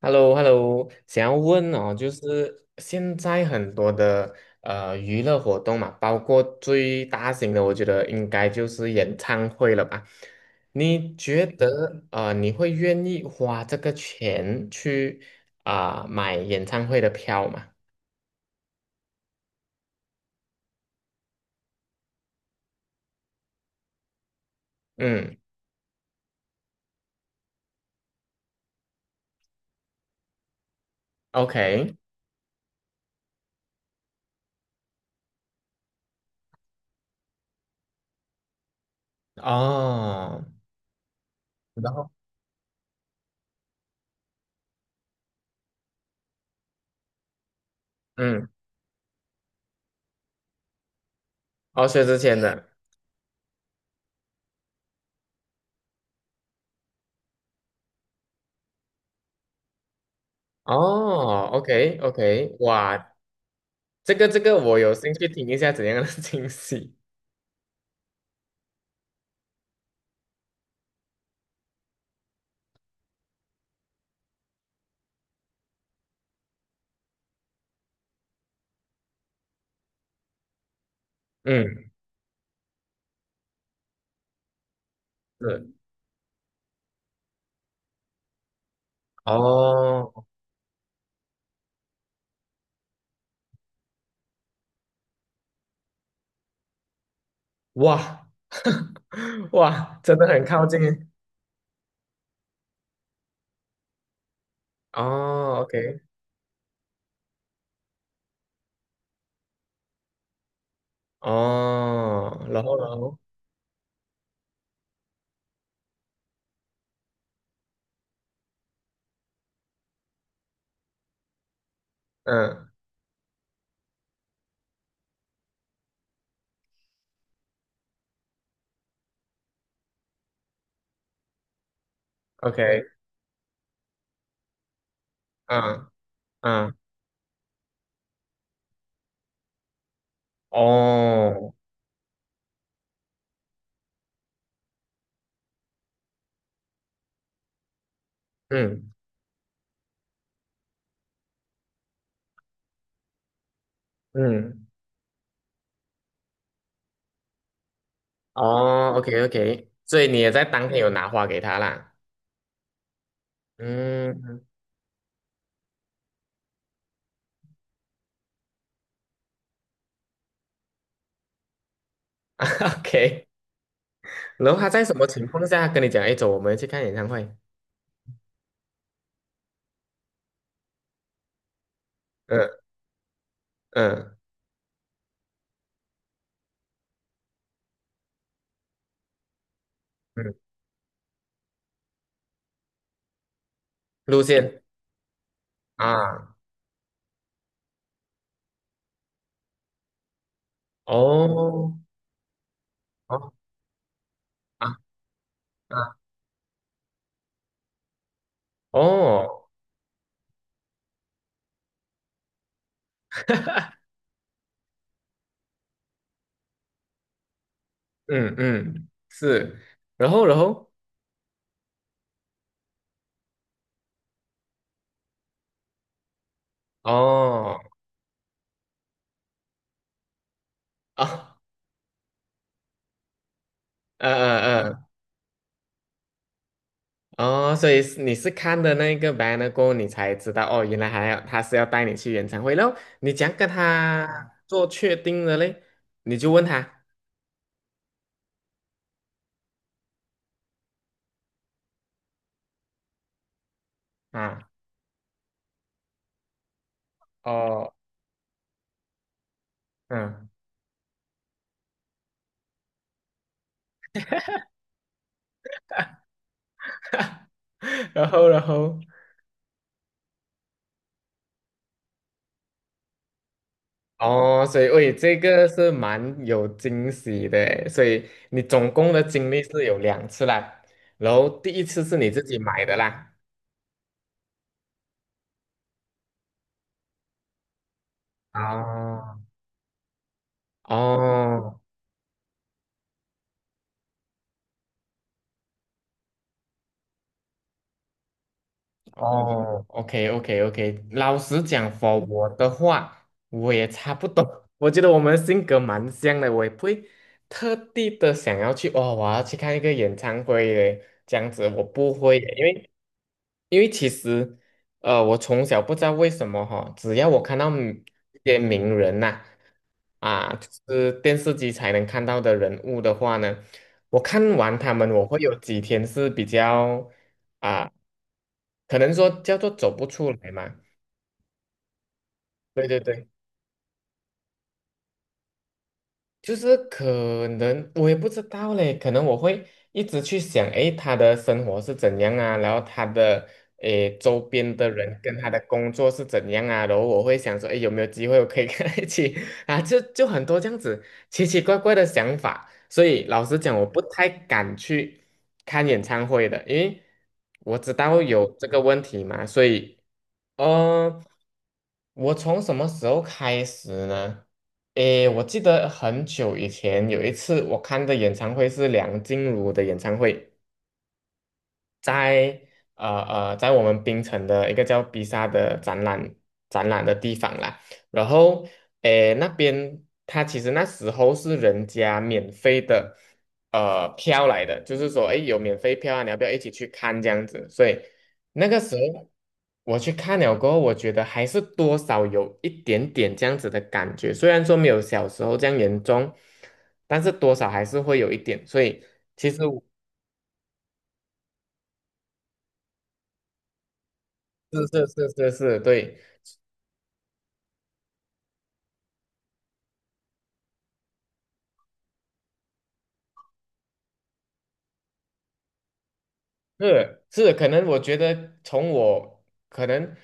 h e l l o h e l l o 想要问哦，就是现在很多的娱乐活动嘛，包括最大型的，我觉得应该就是演唱会了吧？你觉得你会愿意花这个钱去啊、买演唱会的票吗？嗯，OK，哦，然后嗯，哦，薛之谦的，哦，OK，OK，哇，这个我有兴趣听一下怎样的 惊喜，嗯。是哦，哇 哇，真的很靠近。哦，OK，哦，然后，嗯，OK，嗯嗯，哦，嗯嗯，哦，OK，OK，所以你也在当天有拿花给他啦。嗯 ，OK，然后他在什么情况下跟你讲，哎，走，我们去看演唱会？嗯嗯嗯，路线啊，哦哦啊啊，哦嗯嗯，是，然后哦啊，嗯嗯嗯哦，所以是你是看的那个 banner 过后，你才知道哦，原来还要他是要带你去演唱会然后你怎样跟他做确定的嘞？你就问他啊，哦，嗯，然后哦，所以喂，这个是蛮有惊喜的诶所以你总共的经历是有两次啦，然后第一次是你自己买的啦，哦哦哦，OK OK OK，老实讲 我的话，我也差不多。我觉得我们性格蛮像的，我也不会特地的想要去哦，我要去看一个演唱会嘞，这样子我不会的因为其实我从小不知道为什么哈、只要我看到嗯一些名人呐、啊，就是电视机才能看到的人物的话呢，我看完他们，我会有几天是比较。啊。可能说叫做走不出来嘛。对对对，就是可能我也不知道嘞，可能我会一直去想，诶，他的生活是怎样啊，然后他的诶周边的人跟他的工作是怎样啊，然后我会想说，诶，有没有机会我可以跟他一起 啊？就很多这样子奇奇怪怪的想法，所以老实讲，我不太敢去看演唱会的，因为我知道有这个问题嘛，所以。嗯，我从什么时候开始呢？诶，我记得很久以前有一次我看的演唱会是梁静茹的演唱会。在在我们槟城的一个叫比萨的展览的地方啦。然后，诶，那边它其实那时候是人家免费的票来的，就是说，诶，有免费票啊，你要不要一起去看这样子？所以那个时候我去看了过后，我觉得还是多少有一点点这样子的感觉，虽然说没有小时候这样严重，但是多少还是会有一点，所以。其实我是是是是是，对，是是，可能我觉得从我可能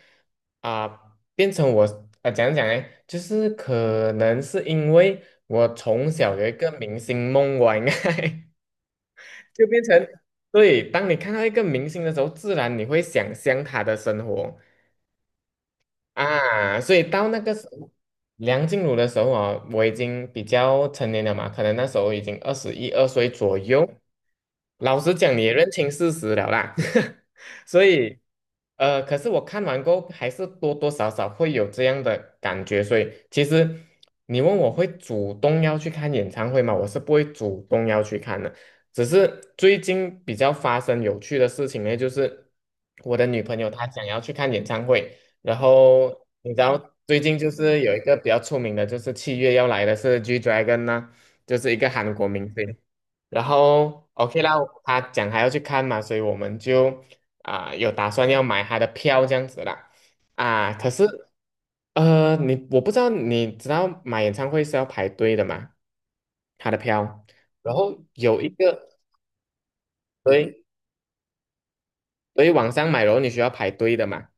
啊、变成我讲讲哎，就是可能是因为我从小有一个明星梦吧，应该 就变成对，当你看到一个明星的时候，自然你会想象他的生活，啊，所以到那个时候，梁静茹的时候啊，我已经比较成年了嘛，可能那时候已经二十一二岁左右。老实讲，你也认清事实了啦。所以，可是我看完过后，还是多多少少会有这样的感觉。所以，其实你问我会主动要去看演唱会吗？我是不会主动要去看的。只是最近比较发生有趣的事情呢，就是我的女朋友她想要去看演唱会。然后你知道最近就是有一个比较出名的，就是7月要来的是 G Dragon 呢、就是一个韩国明星。然后 OK 啦，他讲还要去看嘛，所以我们就啊、有打算要买他的票这样子啦。啊，可是你我不知道你知道买演唱会是要排队的嘛？他的票，然后有一个所以所以网上买，然后你需要排队的嘛。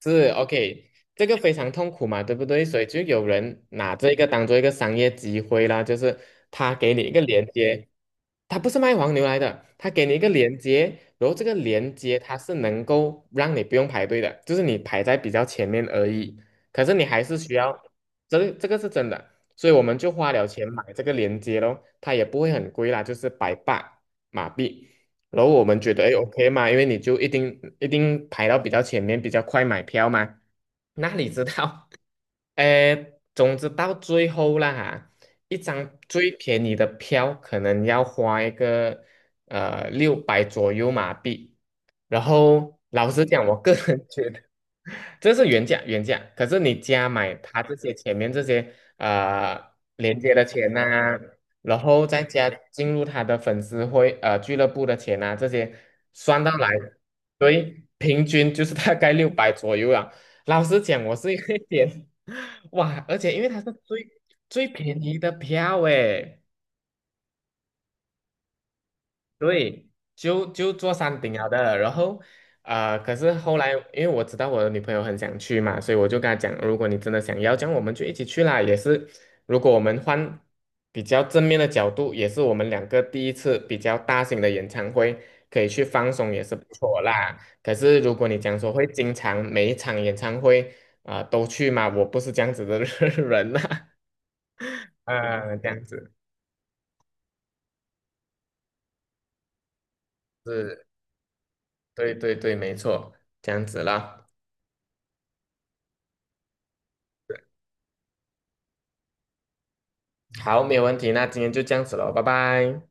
是 OK，这个非常痛苦嘛，对不对？所以就有人拿这个当做一个商业机会啦，就是他给你一个连接，它不是卖黄牛来的，它给你一个连接，然后这个连接它是能够让你不用排队的，就是你排在比较前面而已。可是你还是需要，这个是真的，所以我们就花了钱买这个连接咯，它也不会很贵啦，就是百八马币。然后我们觉得哎 OK 嘛，因为你就一定一定排到比较前面，比较快买票嘛。哪里知道，哎总之到最后啦哈，一张最便宜的票可能要花一个六百左右马币，然后老实讲，我个人 觉得这是原价原价，可是你加买他这些前面这些连接的钱呐、然后再加进入他的粉丝会俱乐部的钱呐、这些算到来，所以平均就是大概六百左右啊。老实讲，我是有一个点 哇，而且因为它是最最便宜的票诶，对，就做山顶了的，然后，可是后来，因为我知道我的女朋友很想去嘛，所以我就跟她讲，如果你真的想要，这样我们就一起去啦。也是，如果我们换比较正面的角度，也是我们两个第一次比较大型的演唱会，可以去放松，也是不错啦。可是如果你讲说会经常每一场演唱会啊、都去嘛，我不是这样子的 人啦，啊，这样子是，对对对，没错，这样子啦。好，没有问题，那今天就这样子了，拜拜。